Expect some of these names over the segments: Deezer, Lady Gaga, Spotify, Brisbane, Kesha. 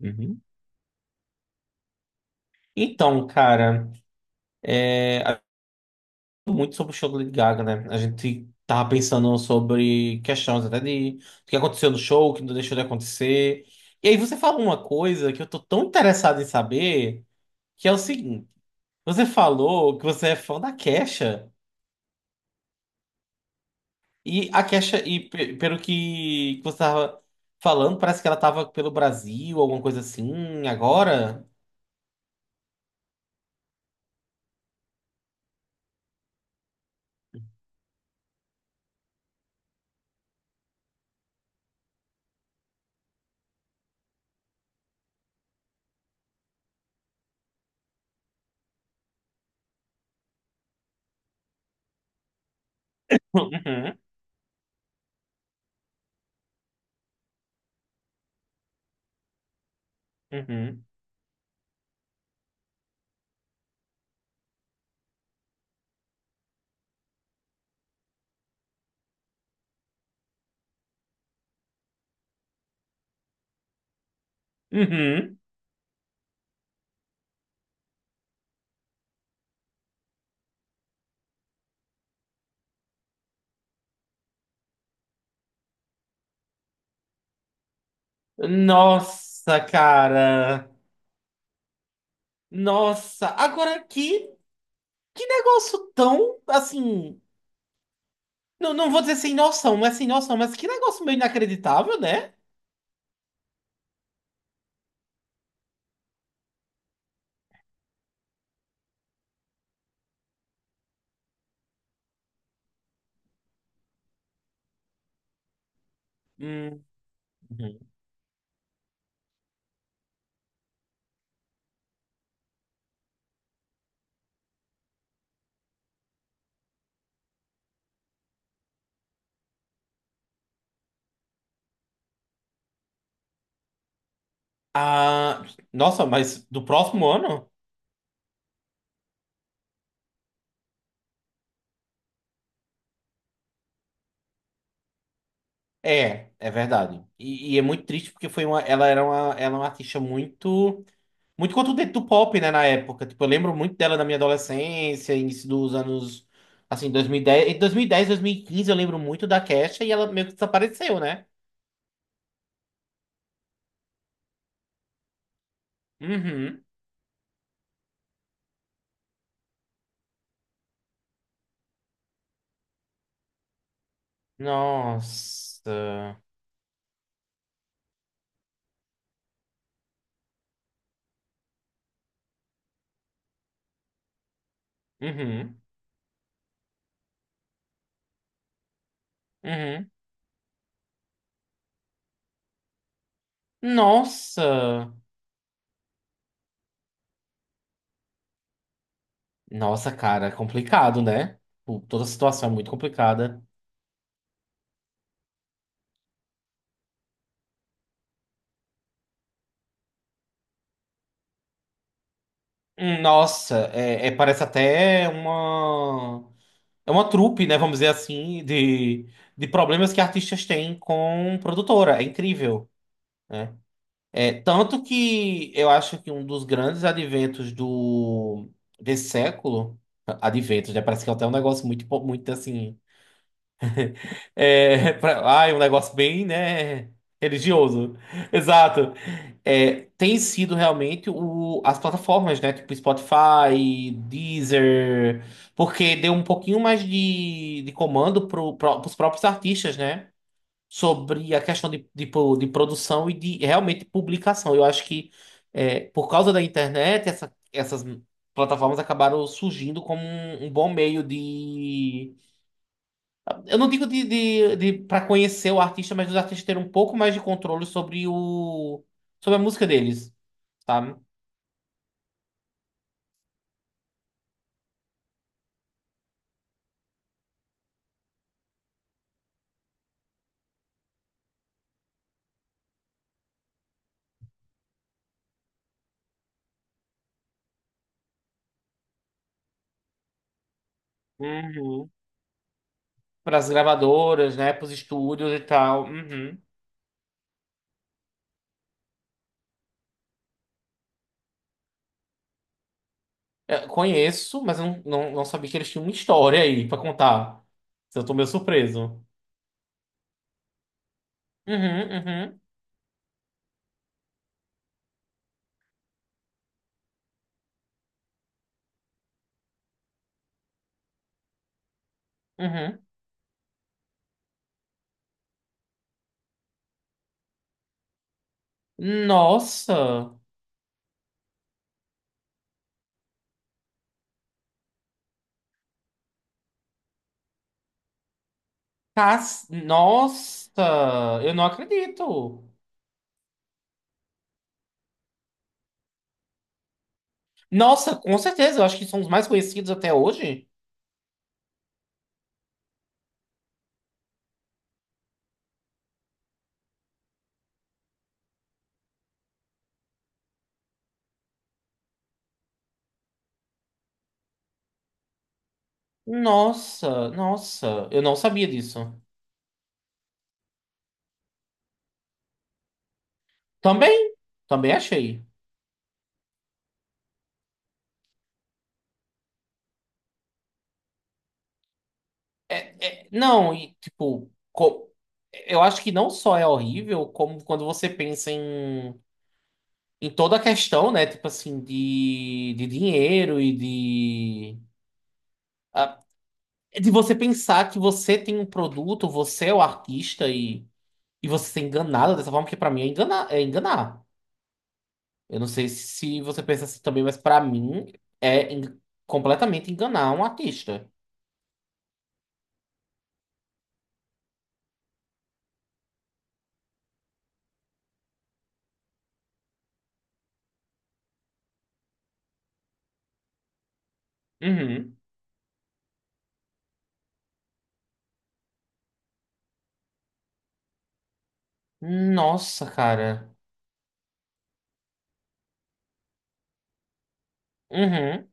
Uhum. Então, cara, é, a- muito sobre o show do Lady Gaga, né? A gente tava pensando sobre questões até de o que aconteceu no show, o que não deixou de acontecer. E aí você falou uma coisa que eu tô tão interessado em saber, que é o seguinte: você falou que você é fã da Kesha, e a Kesha, e pelo que você tava falando, parece que ela tava pelo Brasil, alguma coisa assim, agora. Uhum, uhum, uhum. Nossa, cara. Nossa, que negócio tão, assim, não, não vou dizer sem noção, não é sem noção, mas que negócio meio inacreditável, né? Hum, uhum. Ah, nossa, mas do próximo ano? É, é verdade. E é muito triste porque foi uma, ela era uma, ela é uma artista muito, muito contundente do pop, né, na época. Tipo, eu lembro muito dela na minha adolescência, início dos anos, assim, 2010, entre 2010 e 2015 eu lembro muito da Kesha e ela meio que desapareceu, né? Uhum. Nossa. Uhum. Uhum. Nossa. Nossa, cara, é complicado, né? Tipo, toda a situação é muito complicada. Nossa, parece até uma. É uma trupe, né? Vamos dizer assim, de problemas que artistas têm com produtora. É incrível, né? É, tanto que eu acho que um dos grandes adventos desse século. Adventos, né? Parece que é até um negócio muito, muito assim. Um negócio bem, né, religioso. Exato. É, tem sido realmente as plataformas, né, tipo Spotify, Deezer, porque deu um pouquinho mais de comando pros próprios artistas, né, sobre a questão de, de produção e de realmente publicação. Eu acho que é, por causa da internet, essas plataformas acabaram surgindo como um bom meio eu não digo de para conhecer o artista, mas os artistas terem um pouco mais de controle sobre o sobre a música deles, sabe? Uhum. Para as gravadoras, né? Para os estúdios e tal. Uhum. Eu conheço, mas eu não sabia que eles tinham uma história aí para contar. Eu tô meio surpreso. Uhum, uhum, uhum. Nossa, Nossa, eu não acredito. Nossa, com certeza, eu acho que são os mais conhecidos até hoje. Nossa, nossa, eu não sabia disso. Também, também achei. É, é, não, e tipo, co- Eu acho que não só é horrível, como quando você pensa em, em toda a questão, né? Tipo assim, de, dinheiro e de. Ah, é de você pensar que você tem um produto, você é o artista e você ser enganado dessa forma, que pra mim é enganar, é enganar. Eu não sei se você pensa assim também, mas pra mim é en- completamente enganar um artista. Uhum. Nossa, cara. Uhum.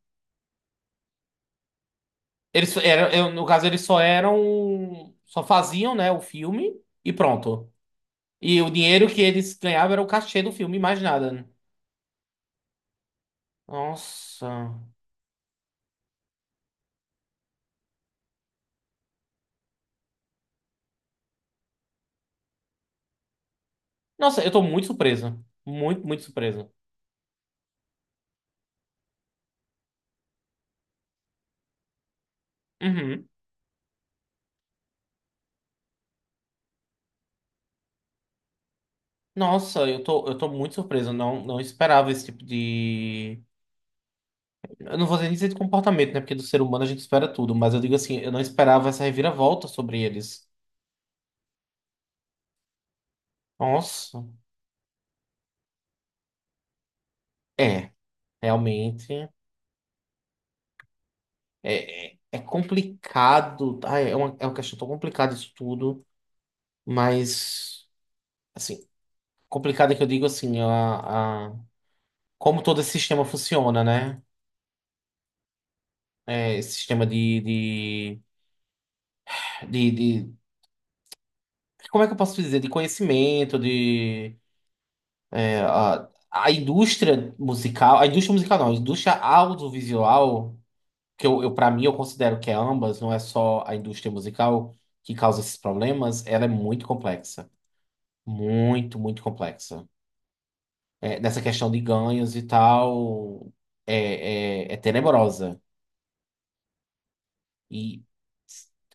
Eles eram, no caso, eles só eram, só faziam, né, o filme e pronto. E o dinheiro que eles ganhavam era o cachê do filme, mais nada. Nossa. Nossa, eu tô muito surpreso. Muito, muito surpreso. Uhum. Nossa, eu tô muito surpreso. Eu Não, Não esperava esse tipo de. Eu não vou dizer nem dizer de comportamento, né? Porque do ser humano a gente espera tudo. Mas eu digo assim, eu não esperava essa reviravolta sobre eles. Nossa. É, realmente. É complicado. Ah, é uma questão tão complicada isso tudo, mas assim, complicada que eu digo assim, como todo esse sistema funciona, né? É, esse sistema de, de- como é que eu posso dizer? De conhecimento, de. É, a indústria musical. A indústria musical não, a indústria audiovisual, que eu para mim eu considero que é ambas, não é só a indústria musical que causa esses problemas, ela é muito complexa. Muito, muito complexa. É, nessa questão de ganhos e tal, é tenebrosa. E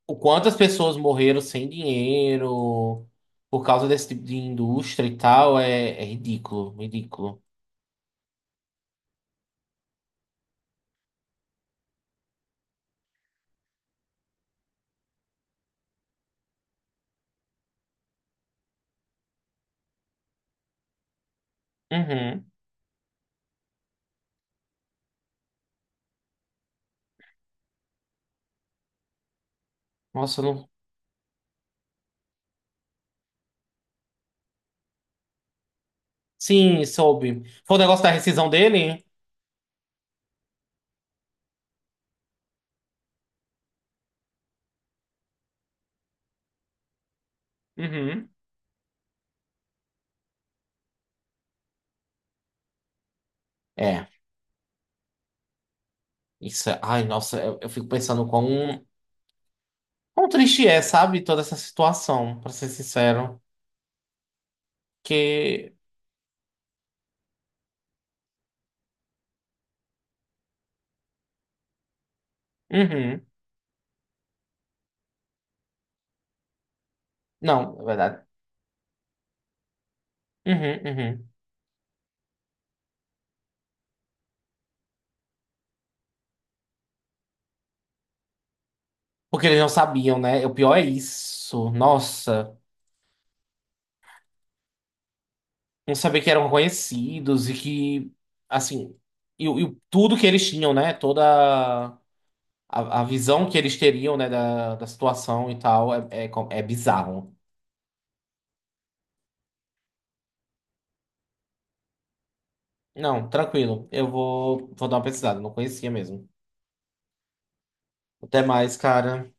o quanto as pessoas morreram sem dinheiro por causa desse tipo de indústria e tal, é, é ridículo, ridículo. Uhum. Nossa, eu não. Sim, soube. Foi o negócio da rescisão dele? Uhum. É, isso. Ai, nossa, eu fico pensando quão triste é, sabe? Toda essa situação, pra ser sincero. Que. Uhum. Não, é verdade. Uhum, uhum. Porque eles não sabiam, né? O pior é isso. Nossa, não saber que eram conhecidos e que, assim, tudo que eles tinham, né? Toda a visão que eles teriam, né? Da situação e tal, é bizarro. Não, tranquilo. Vou dar uma pesquisada. Não conhecia mesmo. Até mais, cara.